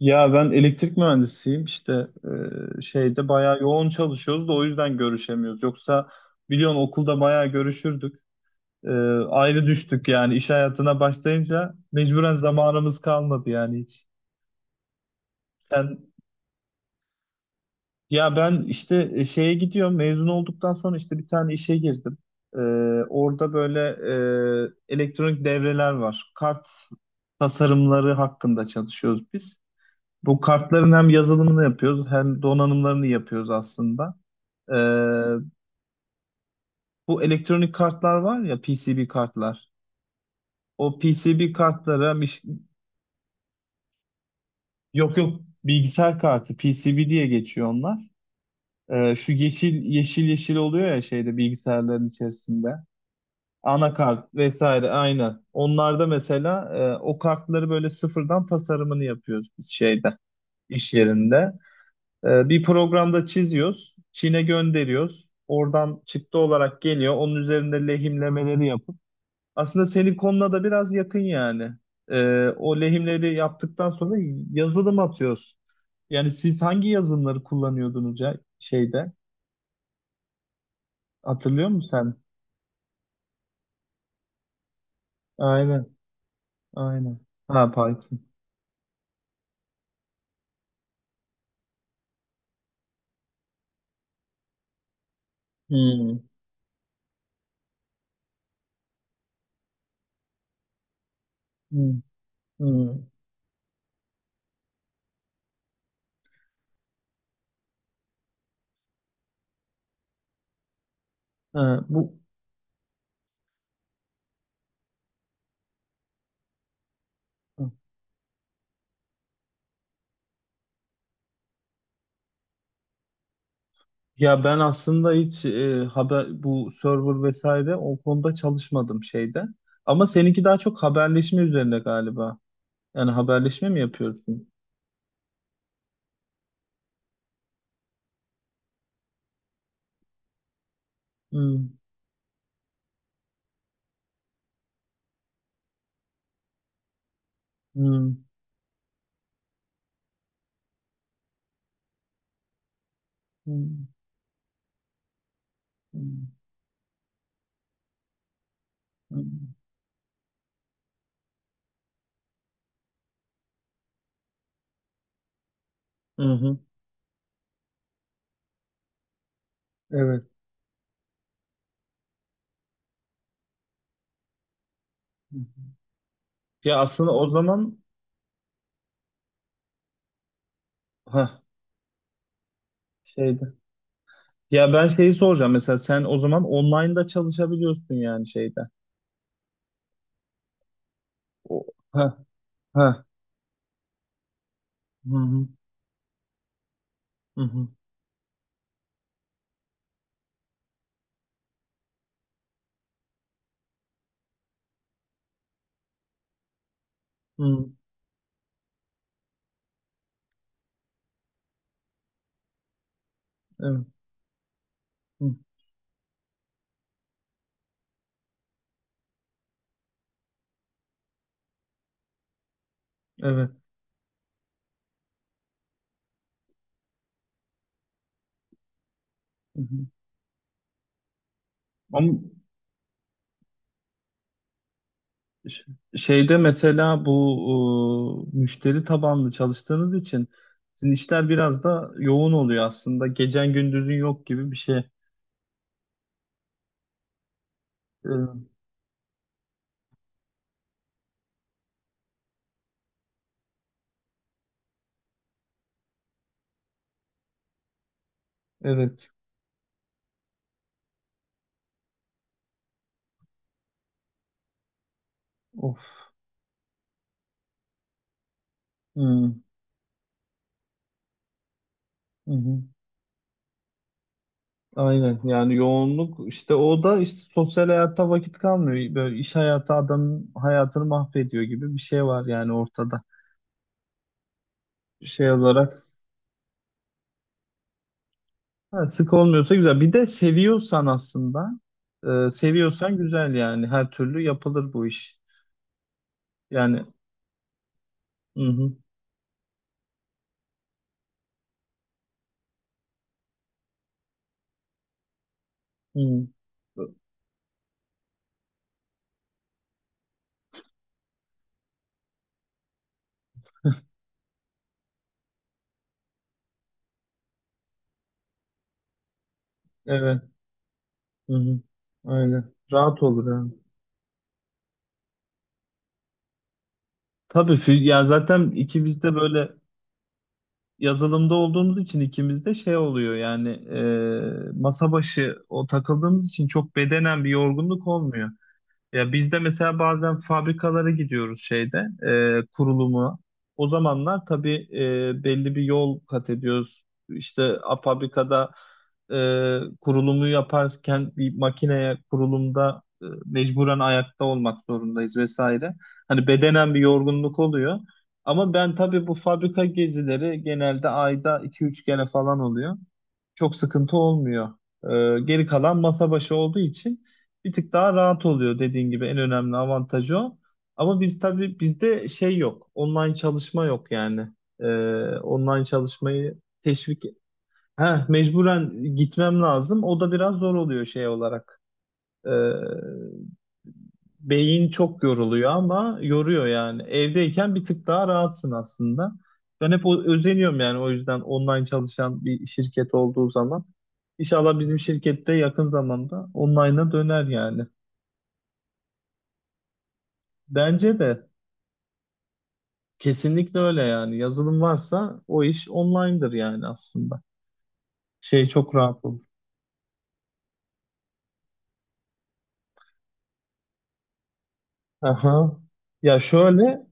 Ya ben elektrik mühendisiyim işte şeyde bayağı yoğun çalışıyoruz da o yüzden görüşemiyoruz. Yoksa biliyorsun okulda bayağı görüşürdük. E, Ayrı düştük yani iş hayatına başlayınca mecburen zamanımız kalmadı yani hiç. Sen ya ben işte şeye gidiyorum mezun olduktan sonra işte bir tane işe girdim. E, Orada böyle elektronik devreler var. Kart tasarımları hakkında çalışıyoruz biz. Bu kartların hem yazılımını yapıyoruz hem donanımlarını yapıyoruz aslında. Ee, Bu elektronik kartlar var ya PCB kartlar. O PCB kartlara yok yok, bilgisayar kartı, PCB diye geçiyor onlar. Şu yeşil yeşil yeşil oluyor ya şeyde bilgisayarların içerisinde. Anakart vesaire aynı. Onlarda mesela o kartları böyle sıfırdan tasarımını yapıyoruz biz şeyde iş yerinde. Bir programda çiziyoruz. Çin'e gönderiyoruz. Oradan çıktı olarak geliyor. Onun üzerinde lehimlemeleri yapıp. Aslında senin konuna da biraz yakın yani. O lehimleri yaptıktan sonra yazılım atıyoruz. Yani siz hangi yazılımları kullanıyordunuz ya şeyde? Hatırlıyor musun sen? Aynen, aynen. Ha, Python. Hmm, hmm, hmm. Ha, bu ya ben aslında hiç haber bu server vesaire o konuda çalışmadım şeyde. Ama seninki daha çok haberleşme üzerine galiba. Yani haberleşme mi yapıyorsun? Hmm, hmm, hmm, hmm, hmm. Hı hı, evet. Ya aslında o zaman ha şeyde. Ya ben şeyi soracağım, mesela sen o zaman online'da çalışabiliyorsun yani şeyde. O ha ha. Hı hı, hı hı, hı, evet. Hı, evet. Hı hı. Ama Ş- şeyde mesela bu müşteri tabanlı çalıştığınız için sizin işler biraz da yoğun oluyor aslında. Gecen gündüzün yok gibi bir şey. Ee, Evet. Of. Hmm. Hı hı. Aynen. Yani yoğunluk işte, o da işte sosyal hayata vakit kalmıyor. Böyle iş hayatı adamın hayatını mahvediyor gibi bir şey var yani ortada. Şey olarak ha, sık olmuyorsa güzel. Bir de seviyorsan aslında seviyorsan güzel yani her türlü yapılır bu iş. Yani hı hı, hı. Evet. Hı hı. Öyle. Rahat olur yani. Tabii ya zaten ikimiz de böyle yazılımda olduğumuz için ikimiz de şey oluyor yani masa başı o takıldığımız için çok bedenen bir yorgunluk olmuyor. Ya biz de mesela bazen fabrikalara gidiyoruz şeyde kurulumu. O zamanlar tabii belli bir yol kat ediyoruz. İşte fabrikada e, kurulumu yaparken bir makineye kurulumda mecburen ayakta olmak zorundayız vesaire. Hani bedenen bir yorgunluk oluyor. Ama ben tabii bu fabrika gezileri genelde ayda iki üç kere falan oluyor. Çok sıkıntı olmuyor. Geri kalan masa başı olduğu için bir tık daha rahat oluyor dediğin gibi, en önemli avantajı o. Ama biz tabii bizde şey yok. Online çalışma yok yani. Ee, Online çalışmayı teşvik heh, mecburen gitmem lazım. O da biraz zor oluyor şey olarak. Ee, Beyin çok yoruluyor ama yoruyor yani. Evdeyken bir tık daha rahatsın aslında. Ben hep özeniyorum yani, o yüzden online çalışan bir şirket olduğu zaman. İnşallah bizim şirkette yakın zamanda online'a döner yani. Bence de kesinlikle öyle yani. Yazılım varsa o iş online'dır yani aslında. Şey çok rahat olur. Aha. Ya şöyle,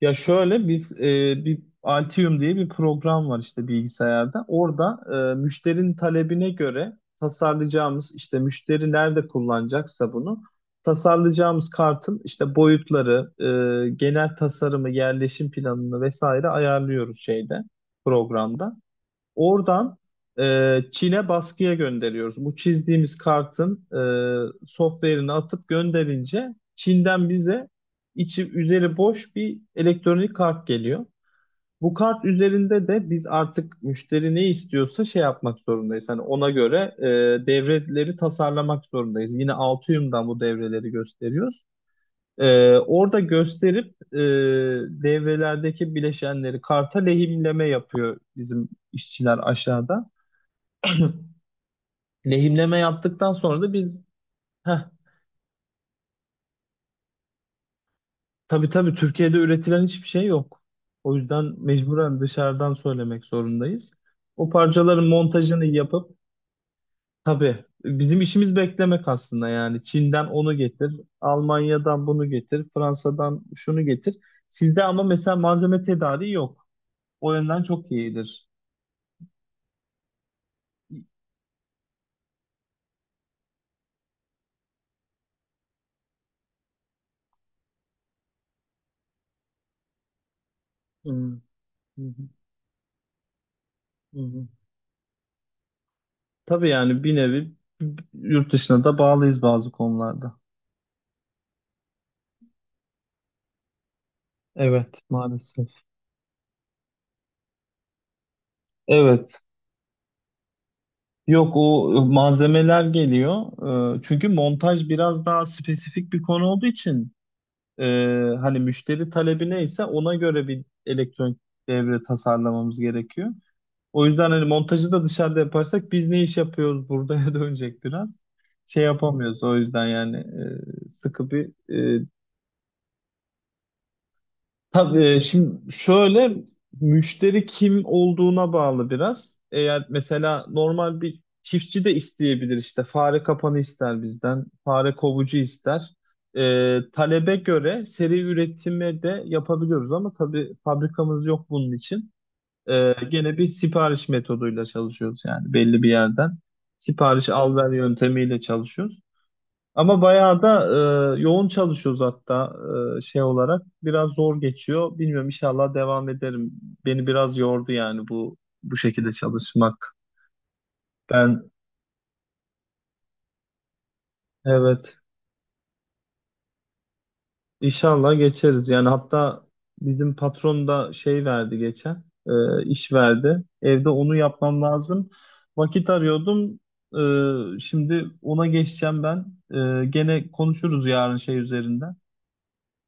ya şöyle biz bir Altium diye bir program var işte bilgisayarda. Orada müşterinin talebine göre tasarlayacağımız işte müşteri nerede kullanacaksa bunu tasarlayacağımız kartın işte boyutları, genel tasarımı, yerleşim planını vesaire ayarlıyoruz şeyde programda. Oradan Çin'e baskıya gönderiyoruz. Bu çizdiğimiz kartın software'ini atıp gönderince Çin'den bize içi üzeri boş bir elektronik kart geliyor. Bu kart üzerinde de biz artık müşteri ne istiyorsa şey yapmak zorundayız. Hani ona göre devreleri tasarlamak zorundayız. Yine Altium'dan bu devreleri gösteriyoruz. Orada gösterip devrelerdeki bileşenleri karta lehimleme yapıyor bizim işçiler aşağıda. Lehimleme yaptıktan sonra da biz heh, tabii tabii Türkiye'de üretilen hiçbir şey yok. O yüzden mecburen dışarıdan söylemek zorundayız. O parçaların montajını yapıp tabii bizim işimiz beklemek aslında yani. Çin'den onu getir, Almanya'dan bunu getir, Fransa'dan şunu getir. Sizde ama mesela malzeme tedariği yok. O yönden çok iyidir. Hmm, hı hı, hı hı. Tabii yani bir nevi yurt dışına da bağlıyız bazı konularda. Evet, maalesef. Evet. Yok, o malzemeler geliyor. Çünkü montaj biraz daha spesifik bir konu olduğu için e, hani müşteri talebi neyse ona göre bir elektronik devre tasarlamamız gerekiyor. O yüzden hani montajı da dışarıda yaparsak biz ne iş yapıyoruz buraya dönecek biraz. Şey yapamıyoruz o yüzden yani sıkı bir tabii şimdi şöyle müşteri kim olduğuna bağlı biraz. Eğer mesela normal bir çiftçi de isteyebilir, işte fare kapanı ister bizden, fare kovucu ister. Talebe göre seri üretime de yapabiliyoruz ama tabii fabrikamız yok bunun için. Gene bir sipariş metoduyla çalışıyoruz yani belli bir yerden. Sipariş al ver yöntemiyle çalışıyoruz. Ama bayağı da yoğun çalışıyoruz hatta şey olarak. Biraz zor geçiyor. Bilmiyorum, inşallah devam ederim. Beni biraz yordu yani bu şekilde çalışmak. Ben evet inşallah geçeriz. Yani hatta bizim patron da şey verdi geçen iş verdi. Evde onu yapmam lazım. Vakit arıyordum. Şimdi ona geçeceğim ben. Gene konuşuruz yarın şey üzerinden.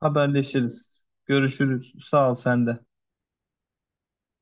Haberleşiriz. Görüşürüz. Sağ ol sen de.